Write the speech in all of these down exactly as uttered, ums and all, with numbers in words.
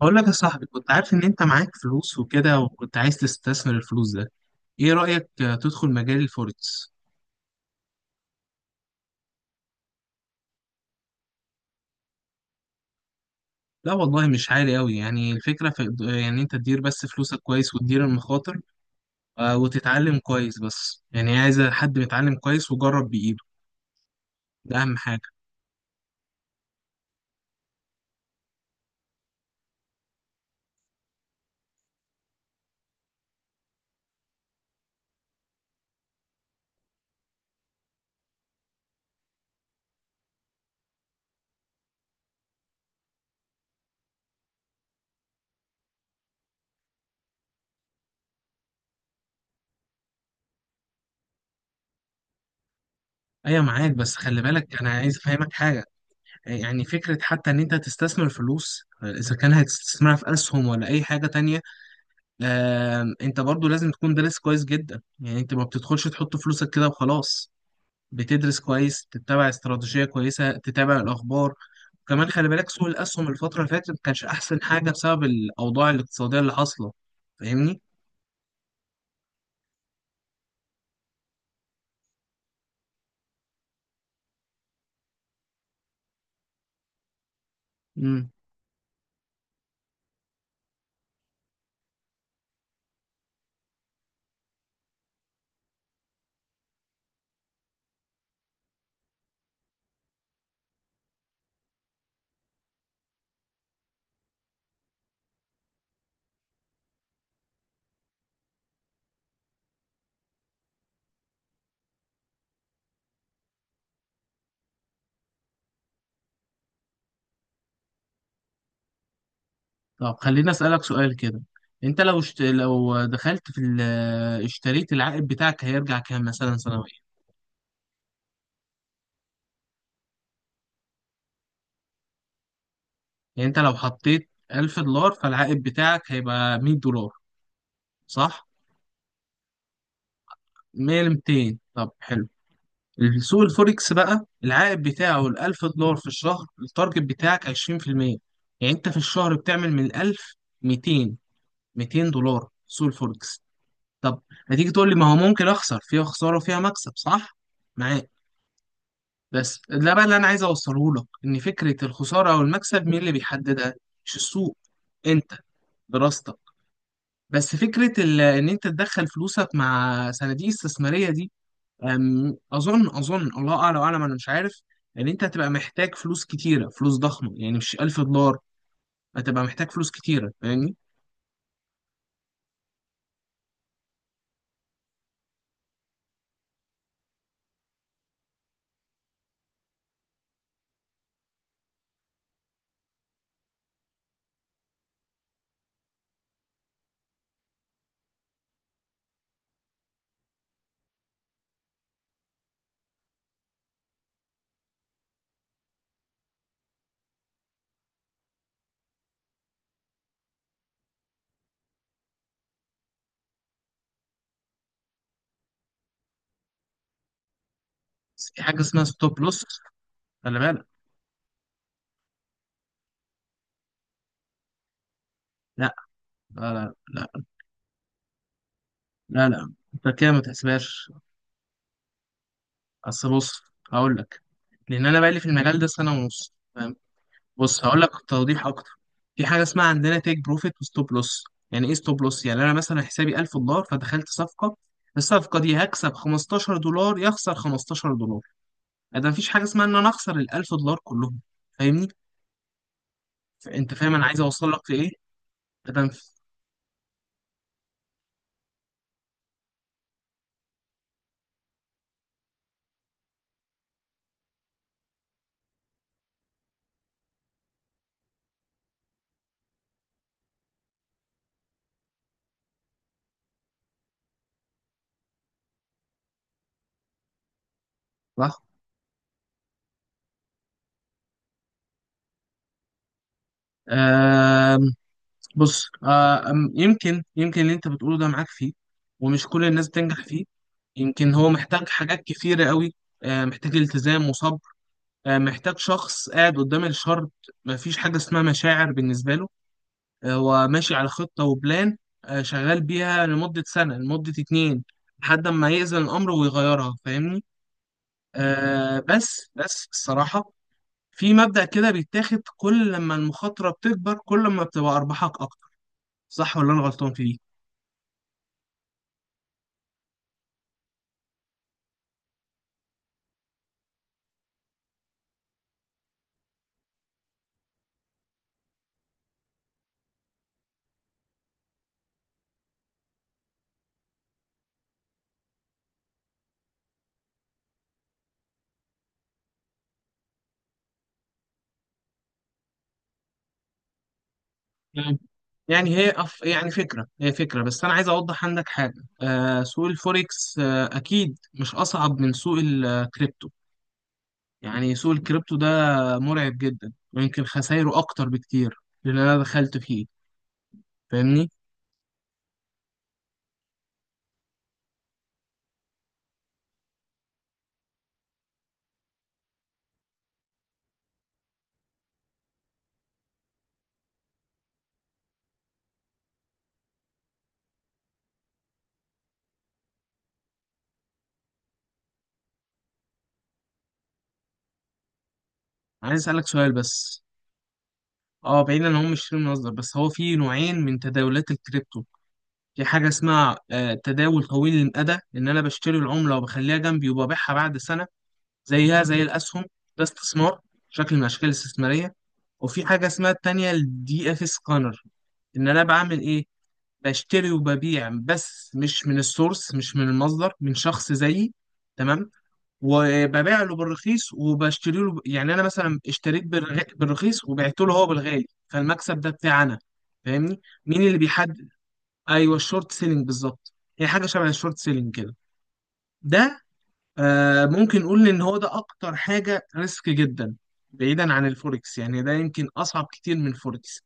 بقول لك يا صاحبي كنت عارف ان انت معاك فلوس وكده وكنت عايز تستثمر الفلوس ده. ايه رأيك آه، تدخل مجال الفوركس؟ لا والله مش عالي قوي، يعني الفكرة في، يعني انت تدير بس فلوسك كويس وتدير المخاطر، آه، وتتعلم كويس، بس يعني عايز حد متعلم كويس وجرب بإيده، ده اهم حاجة. ايوه معاك، بس خلي بالك انا عايز افهمك حاجة. يعني فكرة حتى ان انت تستثمر فلوس، آه، اذا كان هتستثمرها في اسهم ولا اي حاجة تانية، آم، انت برضو لازم تكون دارس كويس جدا. يعني انت ما بتدخلش تحط فلوسك كده وخلاص، بتدرس كويس، تتبع استراتيجية كويسة، تتابع الأخبار. وكمان خلي بالك سوق الأسهم الفترة اللي فاتت ما كانش أحسن حاجة بسبب الأوضاع الاقتصادية اللي حاصلة. فاهمني؟ امم. طب خليني أسألك سؤال كده. انت لو اشت... لو دخلت في ال... اشتريت، العائد بتاعك هيرجع كام مثلا سنويا؟ يعني انت لو حطيت ألف دولار فالعائد بتاعك هيبقى مية دولار، صح؟ مية ل ميتين، طب حلو. السوق الفوركس بقى العائد بتاعه الألف دولار في الشهر، التارجت بتاعك عشرين في المية. يعني أنت في الشهر بتعمل من الألف ميتين ميتين دولار سوق الفوركس. طب، هتيجي تقول لي ما هو ممكن أخسر فيها خسارة وفيها مكسب، صح؟ معاك. بس ده بقى اللي أنا عايز أوصله لك، إن فكرة الخسارة أو المكسب مين اللي بيحددها؟ مش السوق، أنت، دراستك. بس فكرة ال- إن أنت تدخل فلوسك مع صناديق استثمارية دي، أم، اظن اظن الله اعلى واعلم، انا مش عارف ان انت هتبقى محتاج فلوس كتيره، فلوس ضخمه، يعني مش ألف دولار، هتبقى محتاج فلوس كتيره، فاهمني؟ بس في حاجه اسمها ستوب لوس، خلي بالك. لا، لا، لا، لا، لا، انت كده ما تحسبهاش. اصل بص هقول لك. لان انا بقالي في المجال ده سنه ونص، فاهم. بص هقول لك توضيح اكتر. في حاجه اسمها عندنا تيك بروفيت وستوب لوس. يعني ايه ستوب لوس؟ يعني انا مثلا حسابي ألف دولار فدخلت صفقه، الصفقه دي هكسب خمستاشر دولار يخسر خمستاشر دولار، ده مفيش حاجه اسمها ان انا اخسر الألف دولار كلهم، فاهمني؟ ف- انت فاهم انا عايز اوصل لك لايه؟ ده مف- صح. آم، بص، آم، يمكن يمكن اللي انت بتقوله ده معاك فيه، ومش كل الناس بتنجح فيه، يمكن هو محتاج حاجات كتيرة قوي. آه، محتاج التزام وصبر، آه، محتاج شخص قاعد قدام الشر، مفيش حاجة اسمها مشاعر بالنسبة له، آه، هو ماشي على خطة وبلان، آه، شغال بيها لمدة سنة لمدة اتنين لحد ما يأذن الأمر ويغيرها، فاهمني؟ آه بس بس الصراحة في مبدأ كده بيتاخد، كل لما المخاطرة بتكبر كل ما بتبقى أرباحك أكتر، صح ولا أنا غلطان في دي؟ مم. يعني هي أف... يعني فكرة، هي فكرة، بس أنا عايز أوضح عندك حاجة. آه سوق الفوركس آه أكيد مش أصعب من سوق الكريبتو. يعني سوق الكريبتو ده مرعب جدا ويمكن خسايره أكتر بكتير لأن أنا دخلت فيه، فاهمني؟ عايز أسألك سؤال بس. أه، بعيدا إن هم مش شيل مصدر، بس هو في نوعين من تداولات الكريبتو. في حاجة اسمها آه، تداول طويل المدى، إن أنا بشتري العملة وبخليها جنبي وببيعها بعد سنة، زيها زي الأسهم، ده استثمار، شكل من الأشكال الاستثمارية. وفي حاجة اسمها التانية الدي اف سكانر، إن أنا بعمل إيه؟ بشتري وببيع، بس مش من السورس، مش من المصدر، من شخص زيي، تمام. وببيع له بالرخيص وبشتري له، يعني أنا مثلا اشتريت بالرغ- بالرخيص وبعت له هو بالغالي، فالمكسب ده بتاعي أنا، فاهمني؟ مين اللي بيحدد؟ ايوه الشورت سيلينج بالظبط. هي حاجه شبه الشورت سيلينج كده. ده آه ممكن نقول ان هو ده اكتر حاجه ريسك جدا، بعيدا عن الفوركس، يعني ده يمكن اصعب كتير من الفوركس.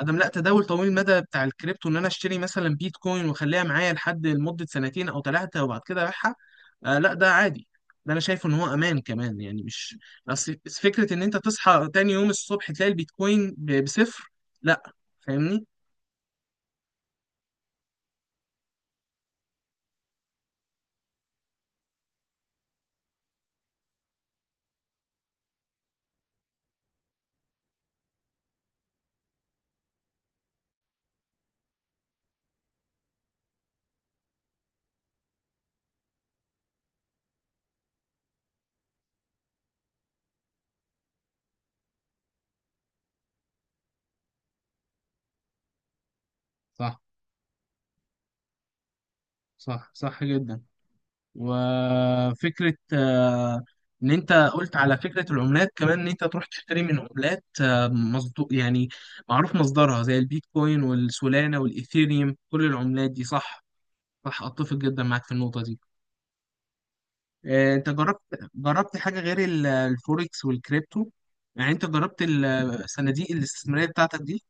ادم لا، تداول طويل المدى بتاع الكريبتو ان انا اشتري مثلا بيتكوين واخليها معايا لحد لمده سنتين او ثلاثه وبعد كده ابيعها، آه لا ده عادي، ده انا شايف ان هو امان كمان يعني مش. بس بس فكره ان انت تصحى تاني يوم الصبح تلاقي البيتكوين ب- بصفر، لا، فاهمني؟ صح، صح، صح جدا. وفكرة آه، إن أنت قلت على فكرة العملات كمان، إن أنت تروح تشتري من عملات، آه، مصدو يعني معروف مصدرها زي البيتكوين والسولانا والإيثيريوم، كل العملات دي، صح. صح، أتفق جدا معاك في النقطة دي. آه، أنت جربت جربت حاجة غير ال- الفوركس والكريبتو؟ يعني أنت جربت ال- الصناديق الاستثمارية بتاعتك دي؟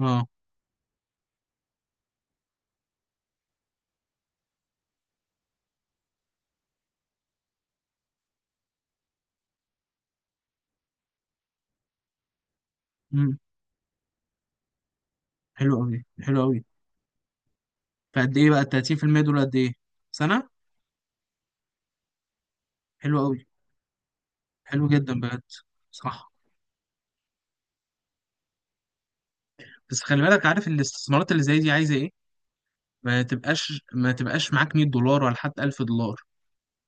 أه. مم. حلو أوي، حلو أوي. فقد إيه بقى ال تلاتين في المية دول؟ قد إيه؟ سنة؟ حلو أوي. حلو جدا بجد، صح. بس خلي بالك، عارف الاستثمارات اللي زي دي عايزه ايه. ما تبقاش، ما تبقاش معاك مية دولار ولا حتى ألف دولار،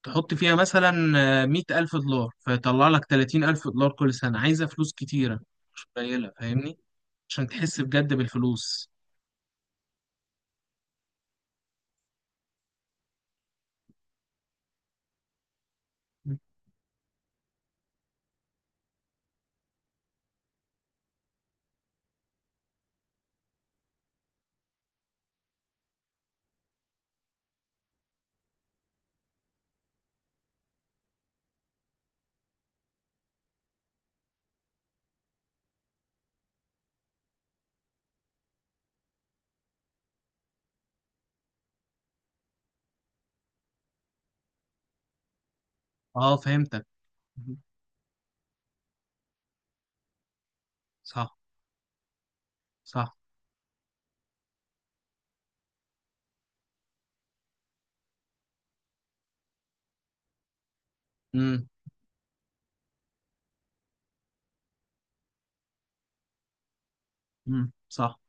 تحط فيها مثلا آه، مية ألف دولار فيطلع لك تلاتين ألف دولار كل سنه، عايزه فلوس كتيره، مش قليله، فاهمني؟ عشان تحس بجد بالفلوس. اه فهمتك. صح صح. امم. امم. صح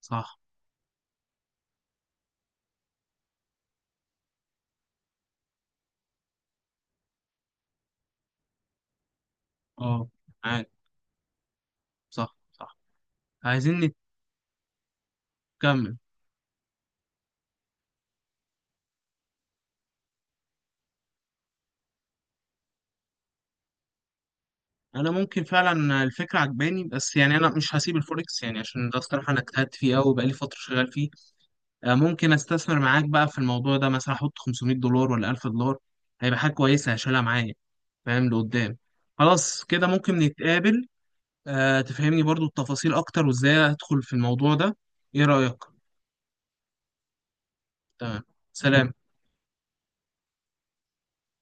صح. اه عارف. صح صح. عايزين نكمل. انا ممكن فعلا الفكره عجباني، بس يعني انا مش هسيب الفوركس يعني عشان ده الصراحه انا اجتهدت فيه قوي بقالي فتره شغال فيه. آه، ممكن استثمر معاك بقى في الموضوع ده، مثلا احط خمس مية دولار ولا ألف دولار، هيبقى حاجه كويسه هشيلها معايا، فاهم لقدام؟ خلاص كده ممكن نتقابل. آه، تفهمني برضو التفاصيل اكتر وازاي ادخل في الموضوع ده، ايه رايك؟ تمام. سلام.